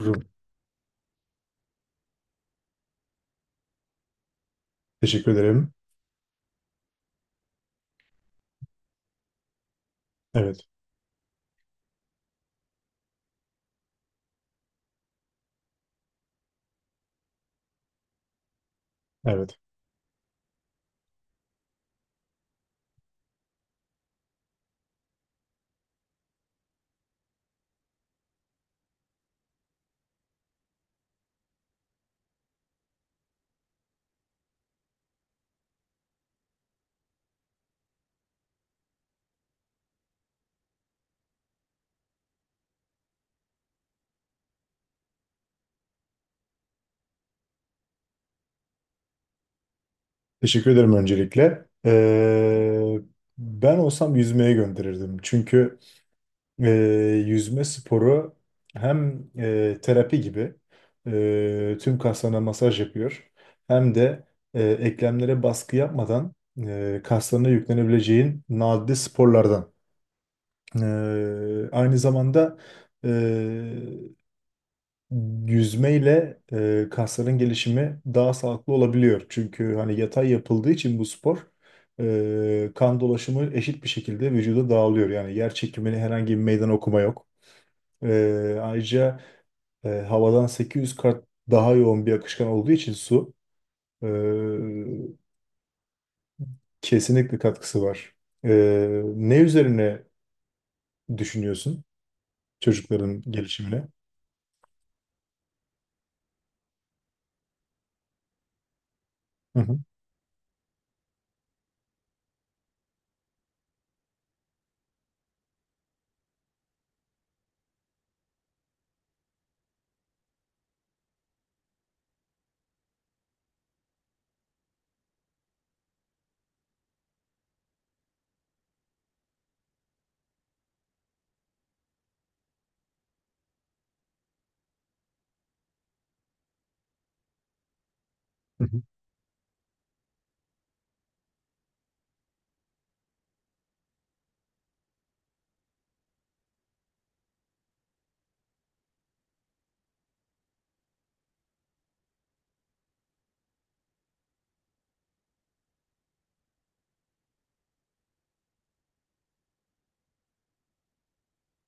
Rum. Teşekkür ederim. Evet, evet. Teşekkür ederim öncelikle. Ben olsam yüzmeye gönderirdim. Çünkü e, yüzme sporu hem terapi gibi tüm kaslarına masaj yapıyor. Hem de eklemlere baskı yapmadan kaslarına yüklenebileceğin nadide sporlardan. Aynı zamanda e, yüzmeyle kasların gelişimi daha sağlıklı olabiliyor. Çünkü hani yatay yapıldığı için bu spor kan dolaşımı eşit bir şekilde vücuda dağılıyor. Yani yer çekimini herhangi bir meydan okuma yok. Ayrıca havadan 800 kat daha yoğun bir akışkan olduğu için su e, kesinlikle katkısı var. Ne üzerine düşünüyorsun çocukların gelişimine? Hı hı. Hı hı.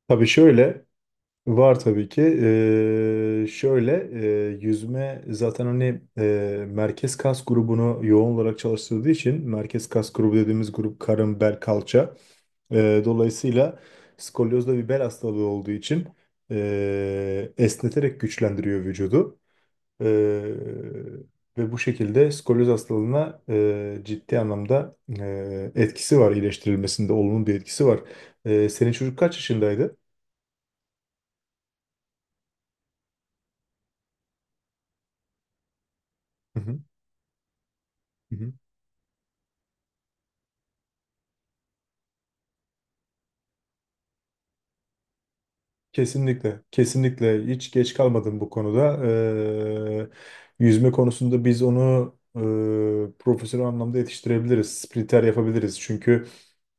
Tabii şöyle. Var tabii ki. Şöyle yüzme zaten hani merkez kas grubunu yoğun olarak çalıştırdığı için merkez kas grubu dediğimiz grup karın, bel, kalça. Dolayısıyla skolyoz da bir bel hastalığı olduğu için esneterek güçlendiriyor vücudu. Ee, Ve bu şekilde skolyoz hastalığına ciddi anlamda etkisi var, iyileştirilmesinde olumlu bir etkisi var. Senin çocuk kaç yaşındaydı? Hı hı. Hı hı. Kesinlikle, kesinlikle hiç geç kalmadım bu konuda. Yüzme konusunda biz onu profesyonel anlamda yetiştirebiliriz, sprinter yapabiliriz. Çünkü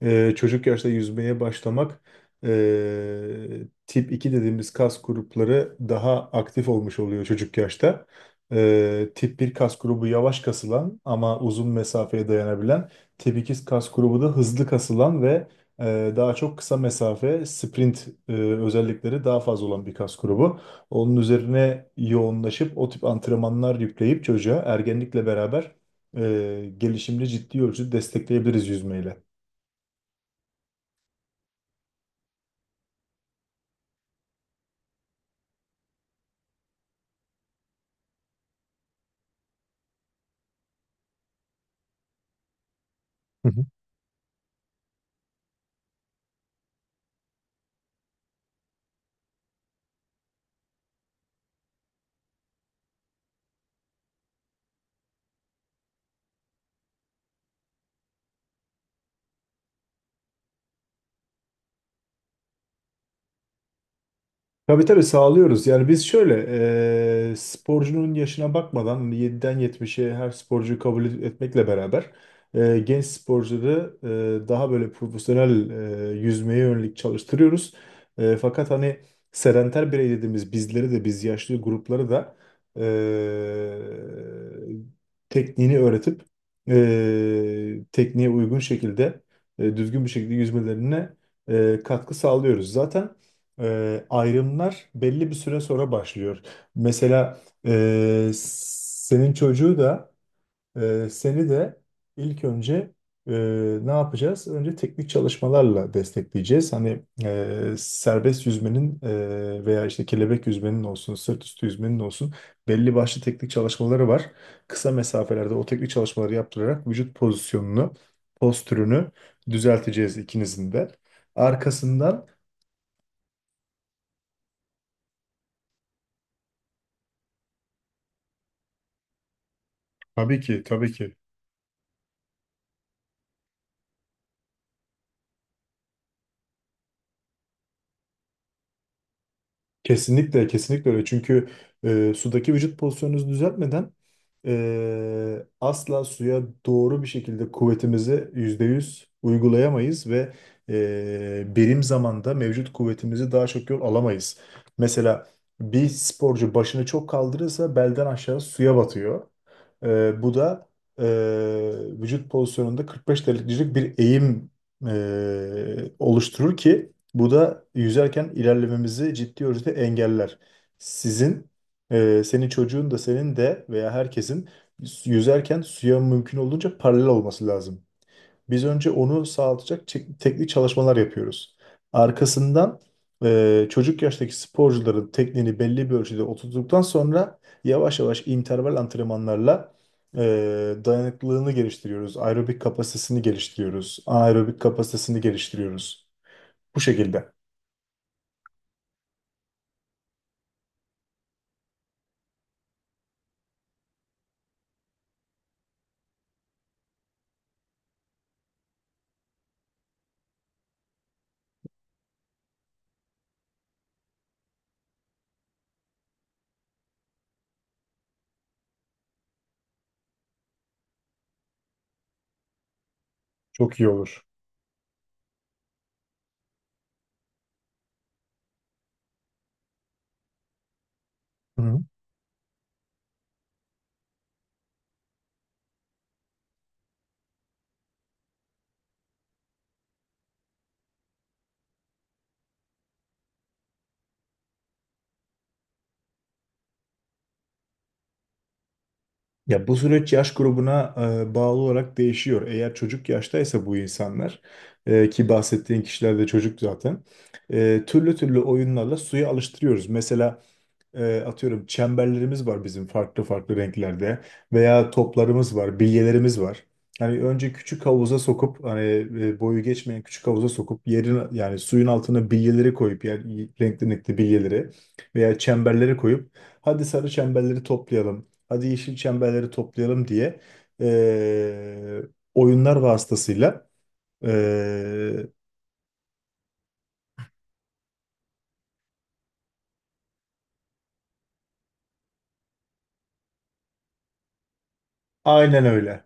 çocuk yaşta yüzmeye başlamak ee, tip 2 dediğimiz kas grupları daha aktif olmuş oluyor çocuk yaşta. Tip bir kas grubu yavaş kasılan ama uzun mesafeye dayanabilen. Tip 2 kas grubu da hızlı kasılan ve daha çok kısa mesafe sprint özellikleri daha fazla olan bir kas grubu. Onun üzerine yoğunlaşıp o tip antrenmanlar yükleyip çocuğa ergenlikle beraber gelişimini ciddi ölçüde destekleyebiliriz yüzmeyle. Tabii tabii sağlıyoruz. Yani biz şöyle sporcunun yaşına bakmadan hani 7'den 70'e her sporcuyu kabul etmekle beraber genç sporcuları daha böyle profesyonel yüzmeye yönelik çalıştırıyoruz. Fakat hani sedenter birey dediğimiz bizleri de biz yaşlı grupları da e, tekniğini öğretip tekniğe uygun şekilde düzgün bir şekilde yüzmelerine katkı sağlıyoruz. Zaten ayrımlar belli bir süre sonra başlıyor. Mesela senin çocuğu da seni de ilk önce e, ne yapacağız? Önce teknik çalışmalarla destekleyeceğiz. Hani serbest yüzmenin veya işte kelebek yüzmenin olsun, sırt üstü yüzmenin olsun belli başlı teknik çalışmaları var. Kısa mesafelerde o teknik çalışmaları yaptırarak vücut pozisyonunu, postürünü düzelteceğiz ikinizin de. Arkasından tabii ki, tabii ki. Kesinlikle, kesinlikle öyle. Çünkü sudaki vücut pozisyonunuzu düzeltmeden asla suya doğru bir şekilde kuvvetimizi %100 uygulayamayız ve birim zamanda mevcut kuvvetimizi daha çok yol alamayız. Mesela bir sporcu başını çok kaldırırsa belden aşağı suya batıyor. Bu da vücut pozisyonunda 45 derecelik bir eğim oluşturur ki bu da yüzerken ilerlememizi ciddi ölçüde engeller. Sizin, senin çocuğun da senin de veya herkesin yüzerken suya mümkün olduğunca paralel olması lazım. Biz önce onu sağlatacak teknik çalışmalar yapıyoruz. Arkasından çocuk yaştaki sporcuların tekniğini belli bir ölçüde oturttuktan sonra yavaş yavaş interval antrenmanlarla e, dayanıklılığını geliştiriyoruz. Aerobik kapasitesini geliştiriyoruz. Anaerobik kapasitesini geliştiriyoruz. Bu şekilde. Çok iyi olur. Hı. Ya bu süreç yaş grubuna bağlı olarak değişiyor. Eğer çocuk yaştaysa bu insanlar ki bahsettiğin kişiler de çocuk zaten türlü türlü oyunlarla suya alıştırıyoruz. Mesela atıyorum çemberlerimiz var bizim farklı farklı renklerde veya toplarımız var, bilyelerimiz var. Hani önce küçük havuza sokup hani boyu geçmeyen küçük havuza sokup yerin yani suyun altına bilyeleri koyup yani renkli renkli bilyeleri veya çemberleri koyup hadi sarı çemberleri toplayalım, hadi yeşil çemberleri toplayalım diye e, oyunlar vasıtasıyla e, aynen öyle.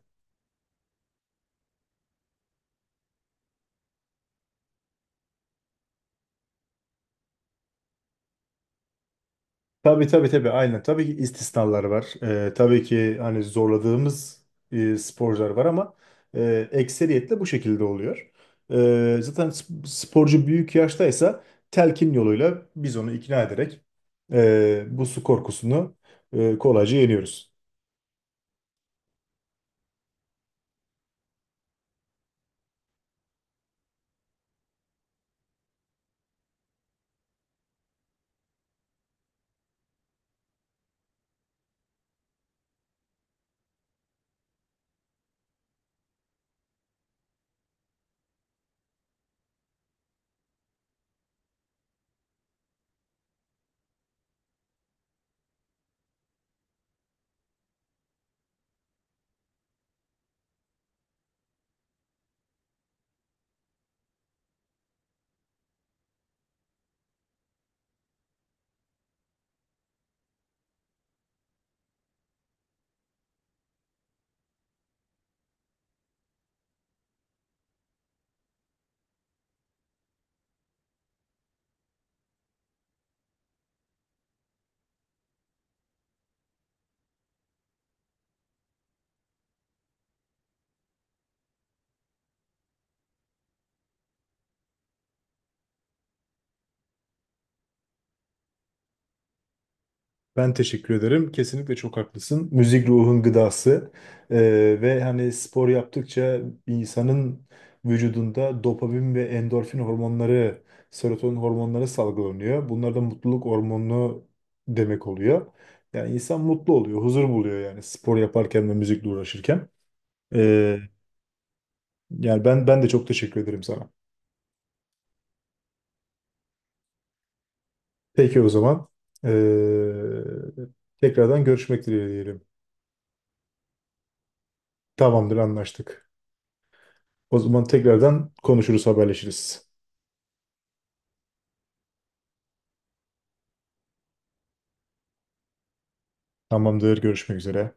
Tabii tabii tabii aynen. Tabii ki istisnalar var. Tabii ki hani zorladığımız sporcular var ama ekseriyetle bu şekilde oluyor. Zaten sporcu büyük yaştaysa telkin yoluyla biz onu ikna ederek bu su korkusunu kolayca yeniyoruz. Ben teşekkür ederim. Kesinlikle çok haklısın. Müzik ruhun gıdası. Ve hani spor yaptıkça insanın vücudunda dopamin ve endorfin hormonları, serotonin hormonları salgılanıyor. Bunlar da mutluluk hormonu demek oluyor. Yani insan mutlu oluyor, huzur buluyor yani spor yaparken ve müzikle uğraşırken. Ee, Yani ben de çok teşekkür ederim sana. Peki o zaman tekrardan görüşmek dileğiyle diyelim. Tamamdır, anlaştık. O zaman tekrardan konuşuruz, haberleşiriz. Tamamdır, görüşmek üzere.